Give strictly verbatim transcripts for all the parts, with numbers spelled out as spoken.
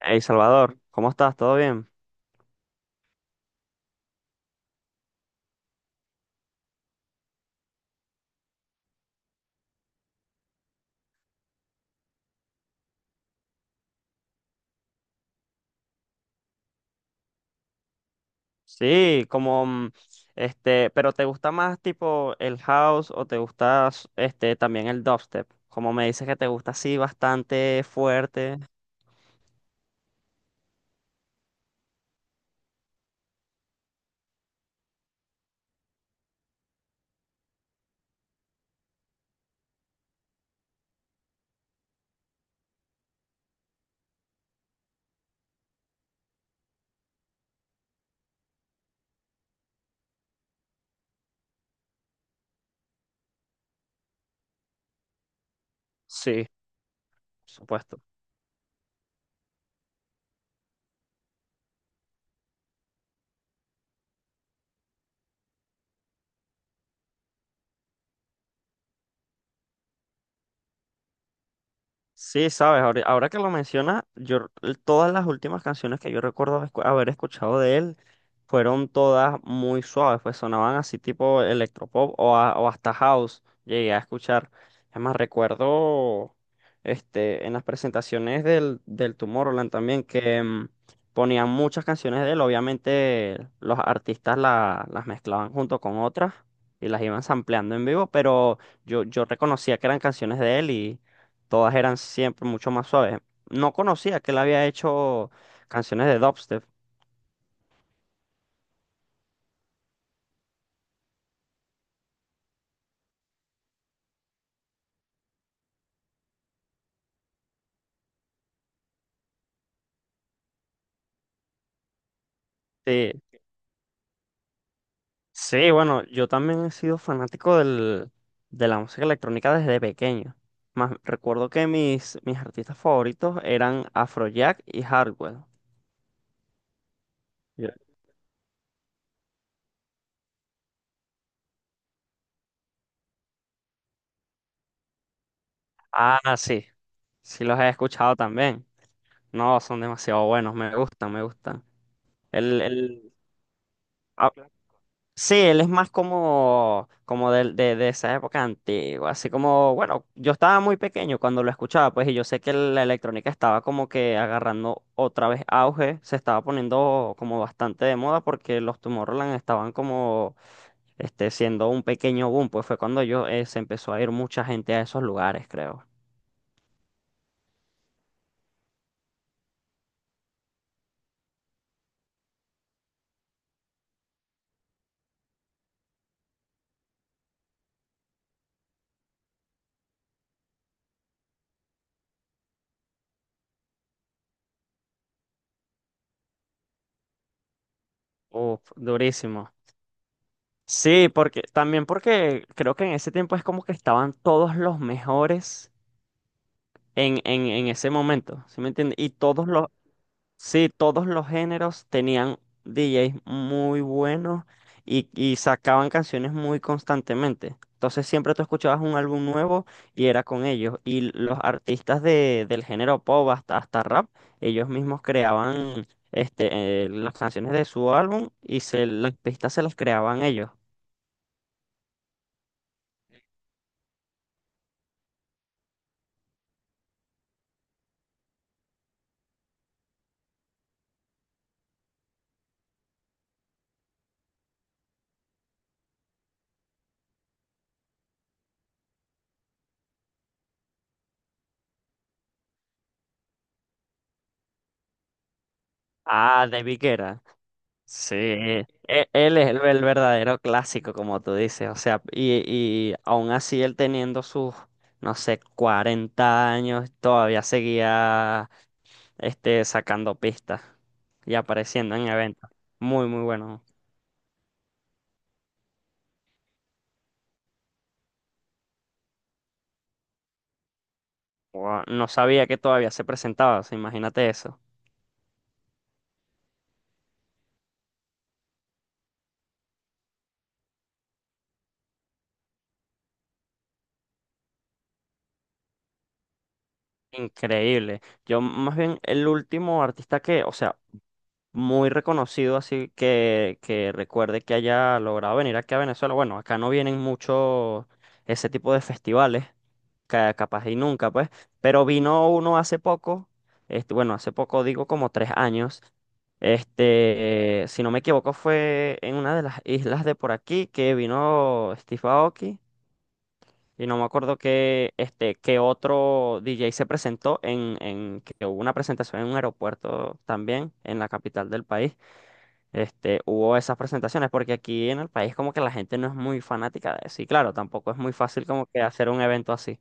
Hey Salvador, ¿cómo estás? ¿Todo bien? Sí, como mm, este, pero ¿te gusta más tipo el house o te gusta s- este también el dubstep? Como me dices que te gusta así bastante fuerte. Sí, por supuesto. Sí, sabes, ahori- ahora que lo mencionas, yo r- todas las últimas canciones que yo recuerdo escu- haber escuchado de él fueron todas muy suaves, pues sonaban así tipo electropop o, a- o hasta house, llegué a escuchar. Además recuerdo este, en las presentaciones del, del Tomorrowland también que mm, ponían muchas canciones de él. Obviamente los artistas la- las mezclaban junto con otras y las iban sampleando en vivo, pero yo, yo reconocía que eran canciones de él. Todas eran siempre mucho más suaves. No conocía que él había hecho canciones de dubstep. Sí, sí, bueno, yo también he sido fanático del, de la música electrónica desde pequeño. Más, recuerdo que mis, mis artistas favoritos eran Afrojack y Hardwell. Ya. Ah, sí, sí los he escuchado también. No, son demasiado buenos, me gustan, me gustan. El, el, Sí, él es más como, como del- de, de esa época antigua, así como, bueno, yo estaba muy pequeño cuando lo escuchaba, pues, y yo sé que la electrónica estaba como que agarrando otra vez auge, se estaba poniendo como bastante de moda porque los Tomorrowland estaban como, este, siendo un pequeño boom, pues fue cuando yo, eh, se empezó a ir mucha gente a esos lugares, creo. Uf, durísimo. Sí, porque, también porque creo que en ese tiempo es como que estaban todos los mejores en, en, en ese momento, ¿sí me entiendes? Y todos los, sí, todos los géneros tenían D Js muy buenos y, y sacaban canciones muy constantemente. Entonces siempre tú escuchabas un álbum nuevo y era con ellos. Y los artistas de, del género pop hasta, hasta rap, ellos mismos creaban este, eh, las canciones de su álbum y se, las pistas se las creaban ellos. Ah, David Guetta. Sí, e- e, él es el, el verdadero clásico, como tú dices, o sea, y, y aún así él teniendo sus, no sé, cuarenta años, todavía seguía este, sacando pistas y apareciendo en eventos. Muy, muy bueno. Guau, no sabía que todavía se presentaba, o sea, imagínate eso. Increíble. Yo más bien el último artista que, o sea, muy reconocido, así que, que recuerde que haya logrado venir aquí a Venezuela. Bueno, acá no vienen mucho ese tipo de festivales, ca- capaz y nunca, pues, pero vino uno hace poco, este, bueno, hace poco digo como tres años. Este, eh, si no me equivoco, fue en una de las islas de por aquí que vino Steve Aoki. Y no me acuerdo que este, que otro D J se presentó en, en que hubo una presentación en un aeropuerto también en la capital del país este, hubo esas presentaciones, porque aquí en el país como que la gente no es muy fanática de eso. Y claro, tampoco es muy fácil como que hacer un evento así.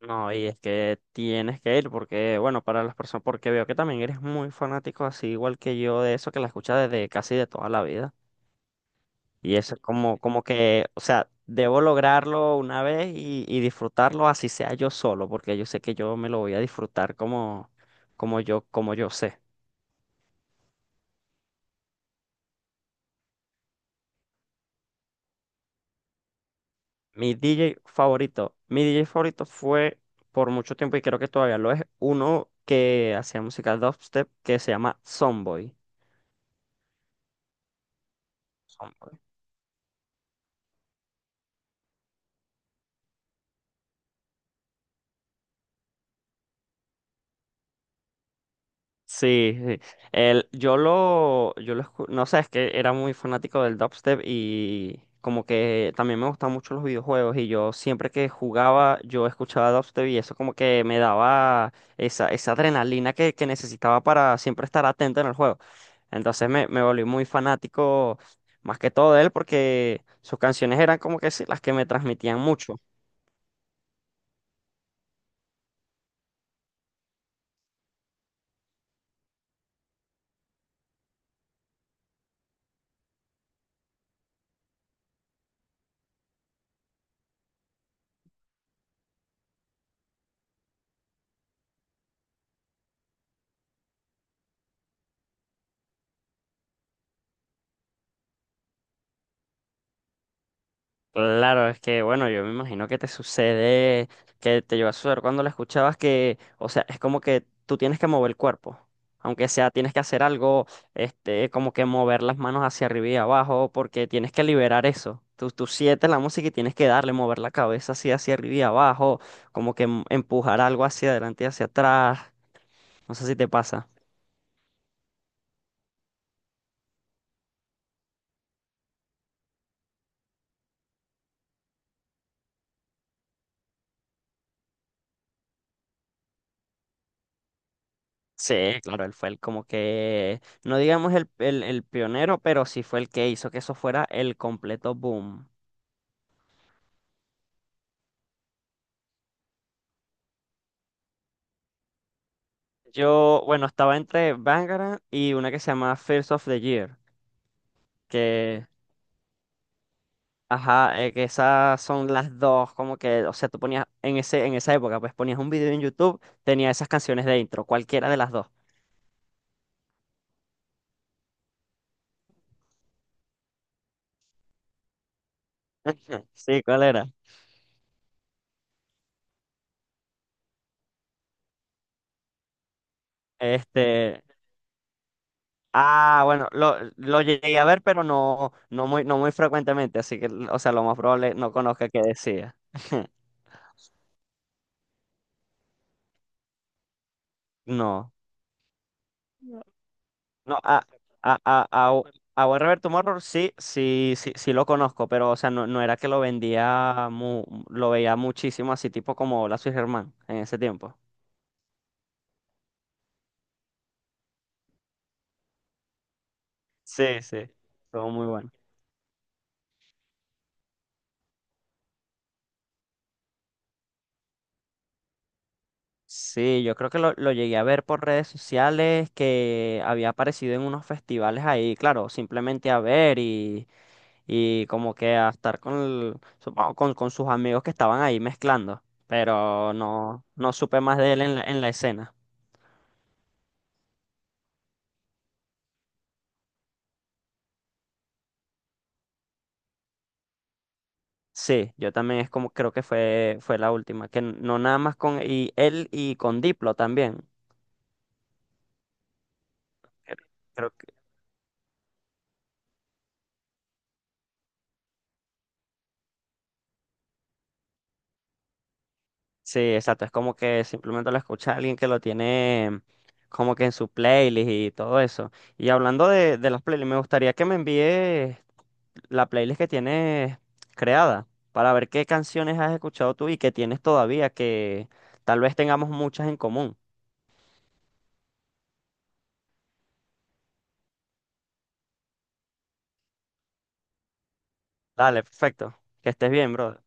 No, y es que tienes que ir porque, bueno, para las personas, porque veo que también eres muy fanático, así igual que yo, de eso que la escuchas desde casi de toda la vida. Y eso es como, como que, o sea, debo lograrlo una vez y, y disfrutarlo así sea yo solo, porque yo sé que yo me lo voy a disfrutar como, como yo, como yo sé. Mi D J favorito. Mi D J favorito fue por mucho tiempo y creo que todavía lo es. Uno que hacía música dubstep que se llama Sonboy. Sí, sí. El, yo lo, yo lo, escu- no sé, es que era muy fanático del dubstep y como que también me gustaban mucho los videojuegos y yo siempre que jugaba yo escuchaba dubstep y eso como que me daba esa, esa adrenalina que, que necesitaba para siempre estar atento en el juego. Entonces me, me volví muy fanático más que todo de él porque sus canciones eran como que sí, las que me transmitían mucho. Claro, es que bueno, yo me imagino que te sucede, que te lleva a suceder cuando la escuchabas que, o sea, es como que tú tienes que mover el cuerpo, aunque sea tienes que hacer algo, este, como que mover las manos hacia arriba y abajo, porque tienes que liberar eso. Tú, tú sientes la música y tienes que darle, mover la cabeza así hacia arriba y abajo, como que em- empujar algo hacia adelante y hacia atrás. No sé si te pasa. Sí, claro, él fue el como que, no digamos el, el el pionero, pero sí fue el que hizo que eso fuera el completo boom. Yo, bueno, estaba entre Bangarang y una que se llama First of the Year, que, ajá, eh, que esas son las dos, como que, o sea, tú ponías en ese, en esa época, pues ponías un video en YouTube, tenía esas canciones de intro, cualquiera de las dos. Sí, ¿cuál era? Este, ah, bueno, lo, lo llegué a ver, pero no, no muy, no muy frecuentemente, así que, o sea, lo más probable no conozca qué decía. No. No, a, a, a, a, a buen Roberto Morro sí, sí, sí, sí lo conozco, pero o sea, no, no era que lo vendía, mu- lo veía muchísimo así, tipo como Lazo y Germán en ese tiempo. Sí, sí. Todo muy bueno. Sí, yo creo que lo, lo llegué a ver por redes sociales, que había aparecido en unos festivales ahí, claro, simplemente a ver y, y como que a estar con, el- supongo con, con sus amigos que estaban ahí mezclando, pero no, no supe más de él en la, en la escena. Sí, yo también es como creo que fue, fue la última, que no nada más con y él y con Diplo también. Creo que, sí, exacto, es como que simplemente lo escucha alguien que lo tiene como que en su playlist y todo eso. Y hablando de, de las playlists, me gustaría que me envíes la playlist que tienes creada para ver qué canciones has escuchado tú y que tienes todavía, que tal vez tengamos muchas en común. Dale, perfecto. Que estés bien, bro.